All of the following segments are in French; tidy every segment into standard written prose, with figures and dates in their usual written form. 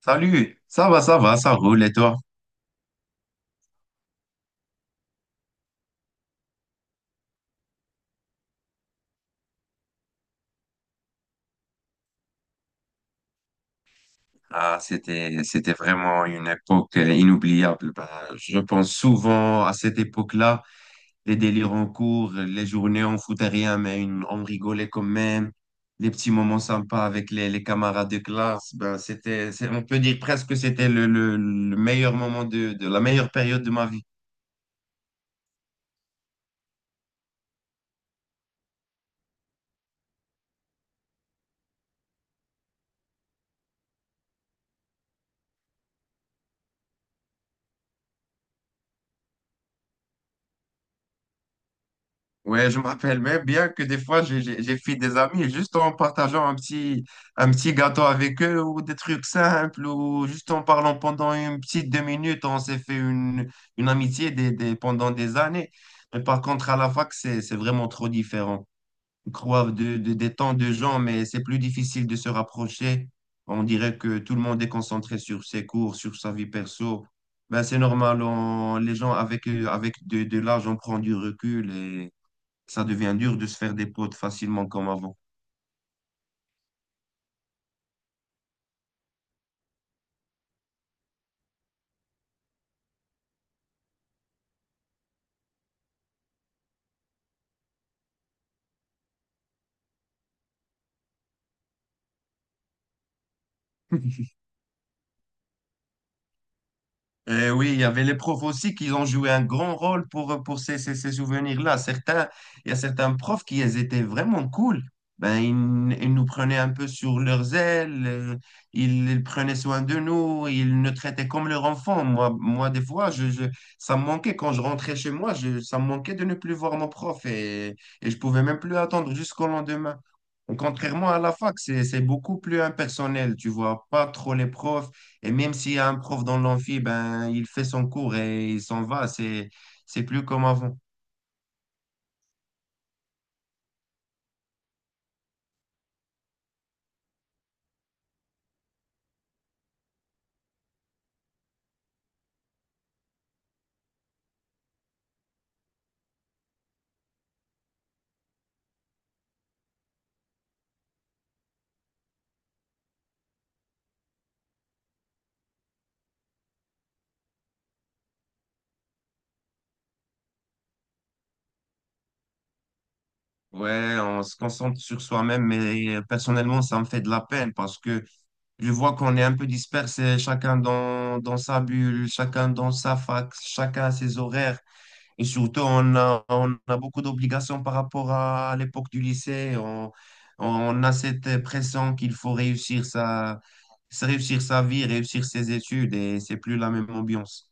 Salut, ça va, ça va, ça roule et toi? C'était vraiment une époque inoubliable. Je pense souvent à cette époque-là, les délires en cours, les journées on foutait rien, mais on rigolait quand même, les petits moments sympas avec les camarades de classe. On peut dire presque que c'était le meilleur moment de la meilleure période de ma vie. Ouais, je me rappelle même bien que des fois, j'ai fait des amis juste en partageant un petit gâteau avec eux ou des trucs simples ou juste en parlant pendant une petite 2 minutes, on s'est fait une amitié pendant des années. Mais par contre, à la fac, c'est vraiment trop différent. On croise des temps de gens, mais c'est plus difficile de se rapprocher. On dirait que tout le monde est concentré sur ses cours, sur sa vie perso. Ben, c'est normal, les gens avec, avec de l'âge, on prend du recul, ça devient dur de se faire des potes facilement comme avant. Eh oui, il y avait les profs aussi qui ont joué un grand rôle pour ces souvenirs-là. Certains, il y a certains profs qui ils étaient vraiment cool. Ben, ils nous prenaient un peu sur leurs ailes, ils prenaient soin de nous, ils nous traitaient comme leurs enfants. Moi des fois, ça me manquait quand je rentrais chez moi, je, ça me manquait de ne plus voir mon prof et je pouvais même plus attendre jusqu'au lendemain. Contrairement à la fac, c'est beaucoup plus impersonnel, tu vois pas trop les profs. Et même s'il y a un prof dans l'amphi, ben, il fait son cours et il s'en va. C'est plus comme avant. Ouais, on se concentre sur soi-même, mais personnellement, ça me fait de la peine parce que je vois qu'on est un peu dispersé, chacun dans sa bulle, chacun dans sa fac, chacun à ses horaires. Et surtout, on a beaucoup d'obligations par rapport à l'époque du lycée. On a cette pression qu'il faut réussir réussir sa vie, réussir ses études et c'est plus la même ambiance.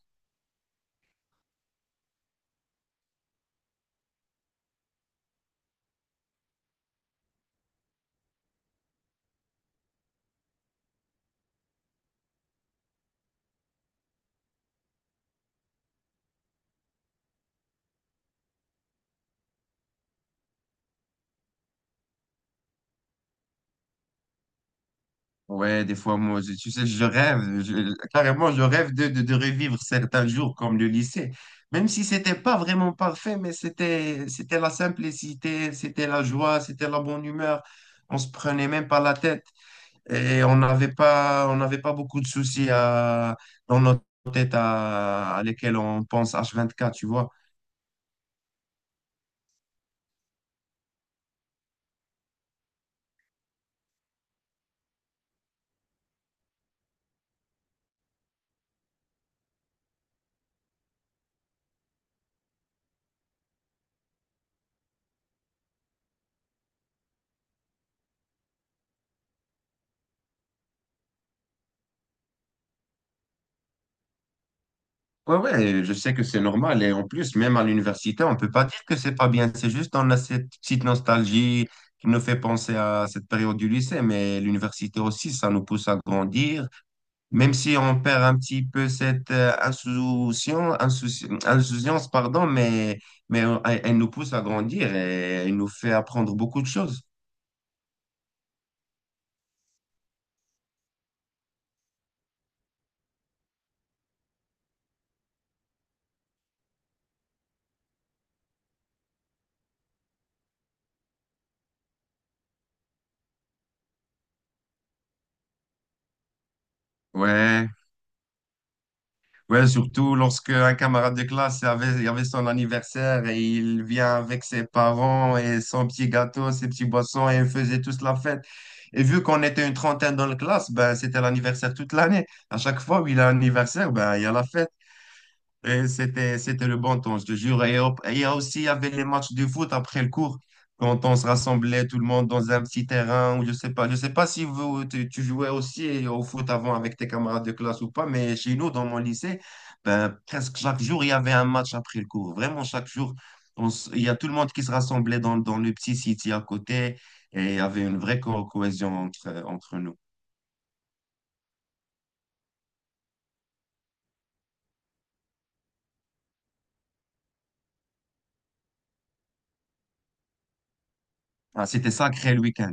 Ouais, des fois, moi, tu sais, je rêve, carrément, je rêve de revivre certains jours comme le lycée. Même si c'était pas vraiment parfait, mais c'était la simplicité, c'était la joie, c'était la bonne humeur. On se prenait même pas la tête et on n'avait pas beaucoup de soucis à, dans notre tête à lesquels on pense H24, tu vois. Ouais, ouais, je sais que c'est normal. Et en plus, même à l'université, on peut pas dire que c'est pas bien. C'est juste on a cette petite nostalgie qui nous fait penser à cette période du lycée. Mais l'université aussi, ça nous pousse à grandir. Même si on perd un petit peu cette insouciance, insouciance, pardon, mais elle nous pousse à grandir et elle nous fait apprendre beaucoup de choses. Ouais. Ouais, surtout lorsque un camarade de classe avait, il avait son anniversaire et il vient avec ses parents et son petit gâteau, ses petits boissons et ils faisaient tous la fête. Et vu qu'on était une 30aine dans la classe, ben, c'était l'anniversaire toute l'année. À chaque fois où il a un anniversaire, ben, il y a la fête. Et c'était le bon temps, je te jure. Et hop, et il y a aussi, il y avait les matchs de foot après le cours, quand on se rassemblait tout le monde dans un petit terrain, ou je sais pas. Je sais pas si vous, tu jouais aussi au foot avant avec tes camarades de classe ou pas, mais chez nous, dans mon lycée, ben, presque chaque jour, il y avait un match après le cours. Vraiment, chaque jour, il y a tout le monde qui se rassemblait dans le petit city à côté, et il y avait une vraie cohésion entre, entre nous. Ah, c'était sacré le week-end.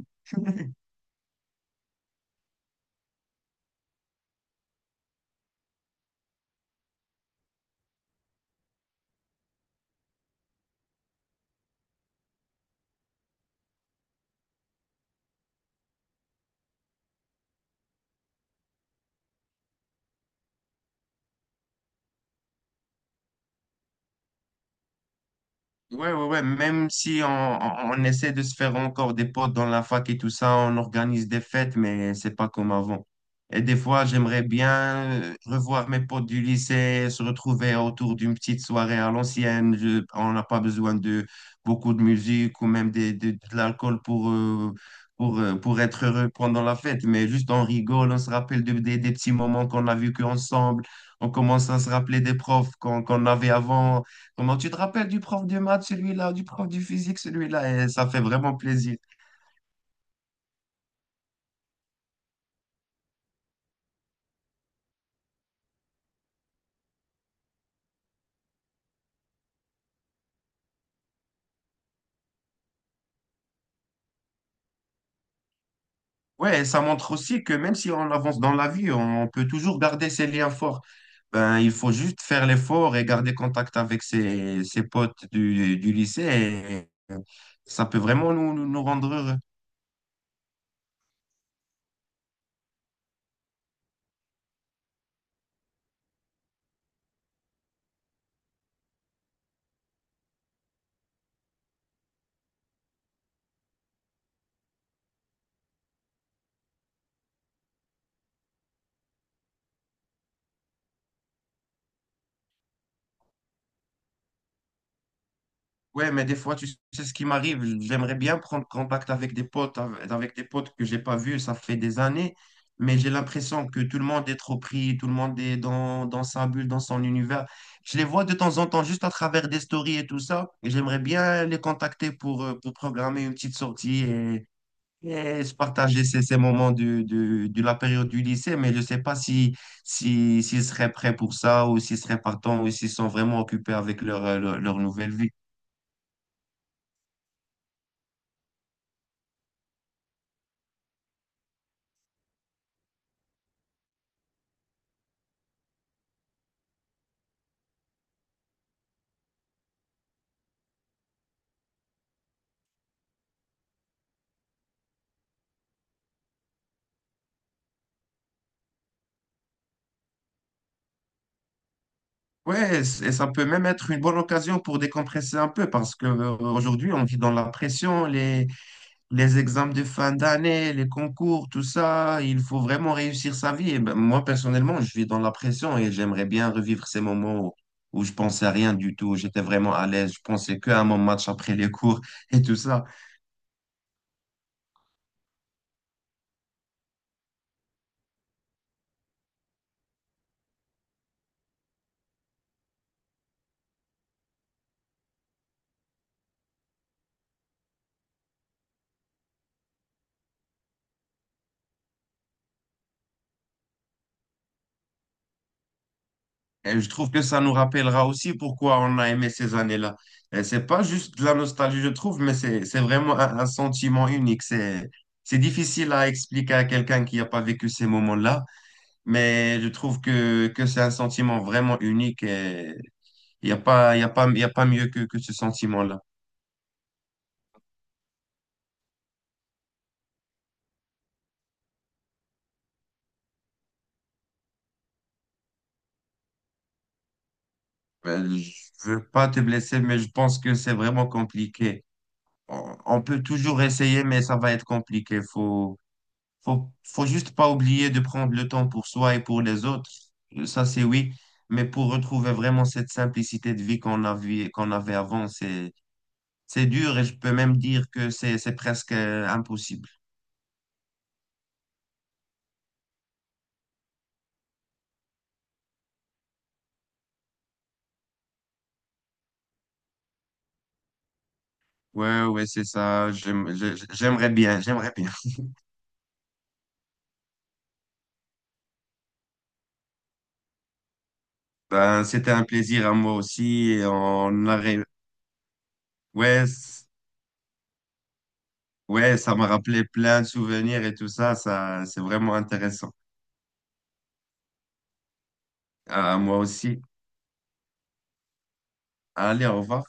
Ouais, ouais, ouais, même si on essaie de se faire encore des potes dans la fac et tout ça, on organise des fêtes, mais c'est pas comme avant. Et des fois, j'aimerais bien revoir mes potes du lycée, se retrouver autour d'une petite soirée à l'ancienne. On n'a pas besoin de beaucoup de musique ou même de l'alcool pour être heureux pendant la fête, mais juste on rigole, on se rappelle des petits moments qu'on a vécu ensemble, on commence à se rappeler des profs qu'on avait avant. Comment tu te rappelles du prof de maths, celui-là, du prof du physique, celui-là, et ça fait vraiment plaisir. Ouais, et ça montre aussi que même si on avance dans la vie, on peut toujours garder ses liens forts. Ben, il faut juste faire l'effort et garder contact avec ses, ses potes du lycée. Et ça peut vraiment nous rendre heureux. Ouais, mais des fois, tu sais ce qui m'arrive. J'aimerais bien prendre contact avec des potes, avec des potes que j'ai pas vus, ça fait des années, mais j'ai l'impression que tout le monde est trop pris, tout le monde est dans, dans sa bulle, dans son univers. Je les vois de temps en temps juste à travers des stories et tout ça, et j'aimerais bien les contacter pour programmer une petite sortie et se partager ces moments de la période du lycée, mais je sais pas si, si, s'ils seraient prêts pour ça ou s'ils seraient partants ou s'ils sont vraiment occupés avec leur, leur nouvelle vie. Ouais, et ça peut même être une bonne occasion pour décompresser un peu parce que aujourd'hui on vit dans la pression, les examens de fin d'année, les concours, tout ça, il faut vraiment réussir sa vie. Et ben, moi personnellement, je vis dans la pression et j'aimerais bien revivre ces moments où, où je pensais à rien du tout, j'étais vraiment à l'aise, je pensais qu'à mon match après les cours et tout ça. Et je trouve que ça nous rappellera aussi pourquoi on a aimé ces années-là. Et c'est pas juste de la nostalgie, je trouve, mais c'est vraiment un sentiment unique. C'est difficile à expliquer à quelqu'un qui n'a pas vécu ces moments-là, mais je trouve que c'est un sentiment vraiment unique et il n'y a pas, il y a pas, il y a pas mieux que ce sentiment-là. Euh, Je veux pas te blesser, mais je pense que c'est vraiment compliqué. On peut toujours essayer, mais ça va être compliqué. Faut juste pas oublier de prendre le temps pour soi et pour les autres. Ça, c'est oui. Mais pour retrouver vraiment cette simplicité de vie qu'on avait avant, c'est dur et je peux même dire que c'est presque impossible. Ouais, ouais, c'est ça. J'aimerais bien, j'aimerais bien. Ben, c'était un plaisir à moi aussi. Et on arrive. Ouais, ouais, ça m'a rappelé plein de souvenirs et tout ça. Ça, c'est vraiment intéressant. À moi aussi. Allez, au revoir.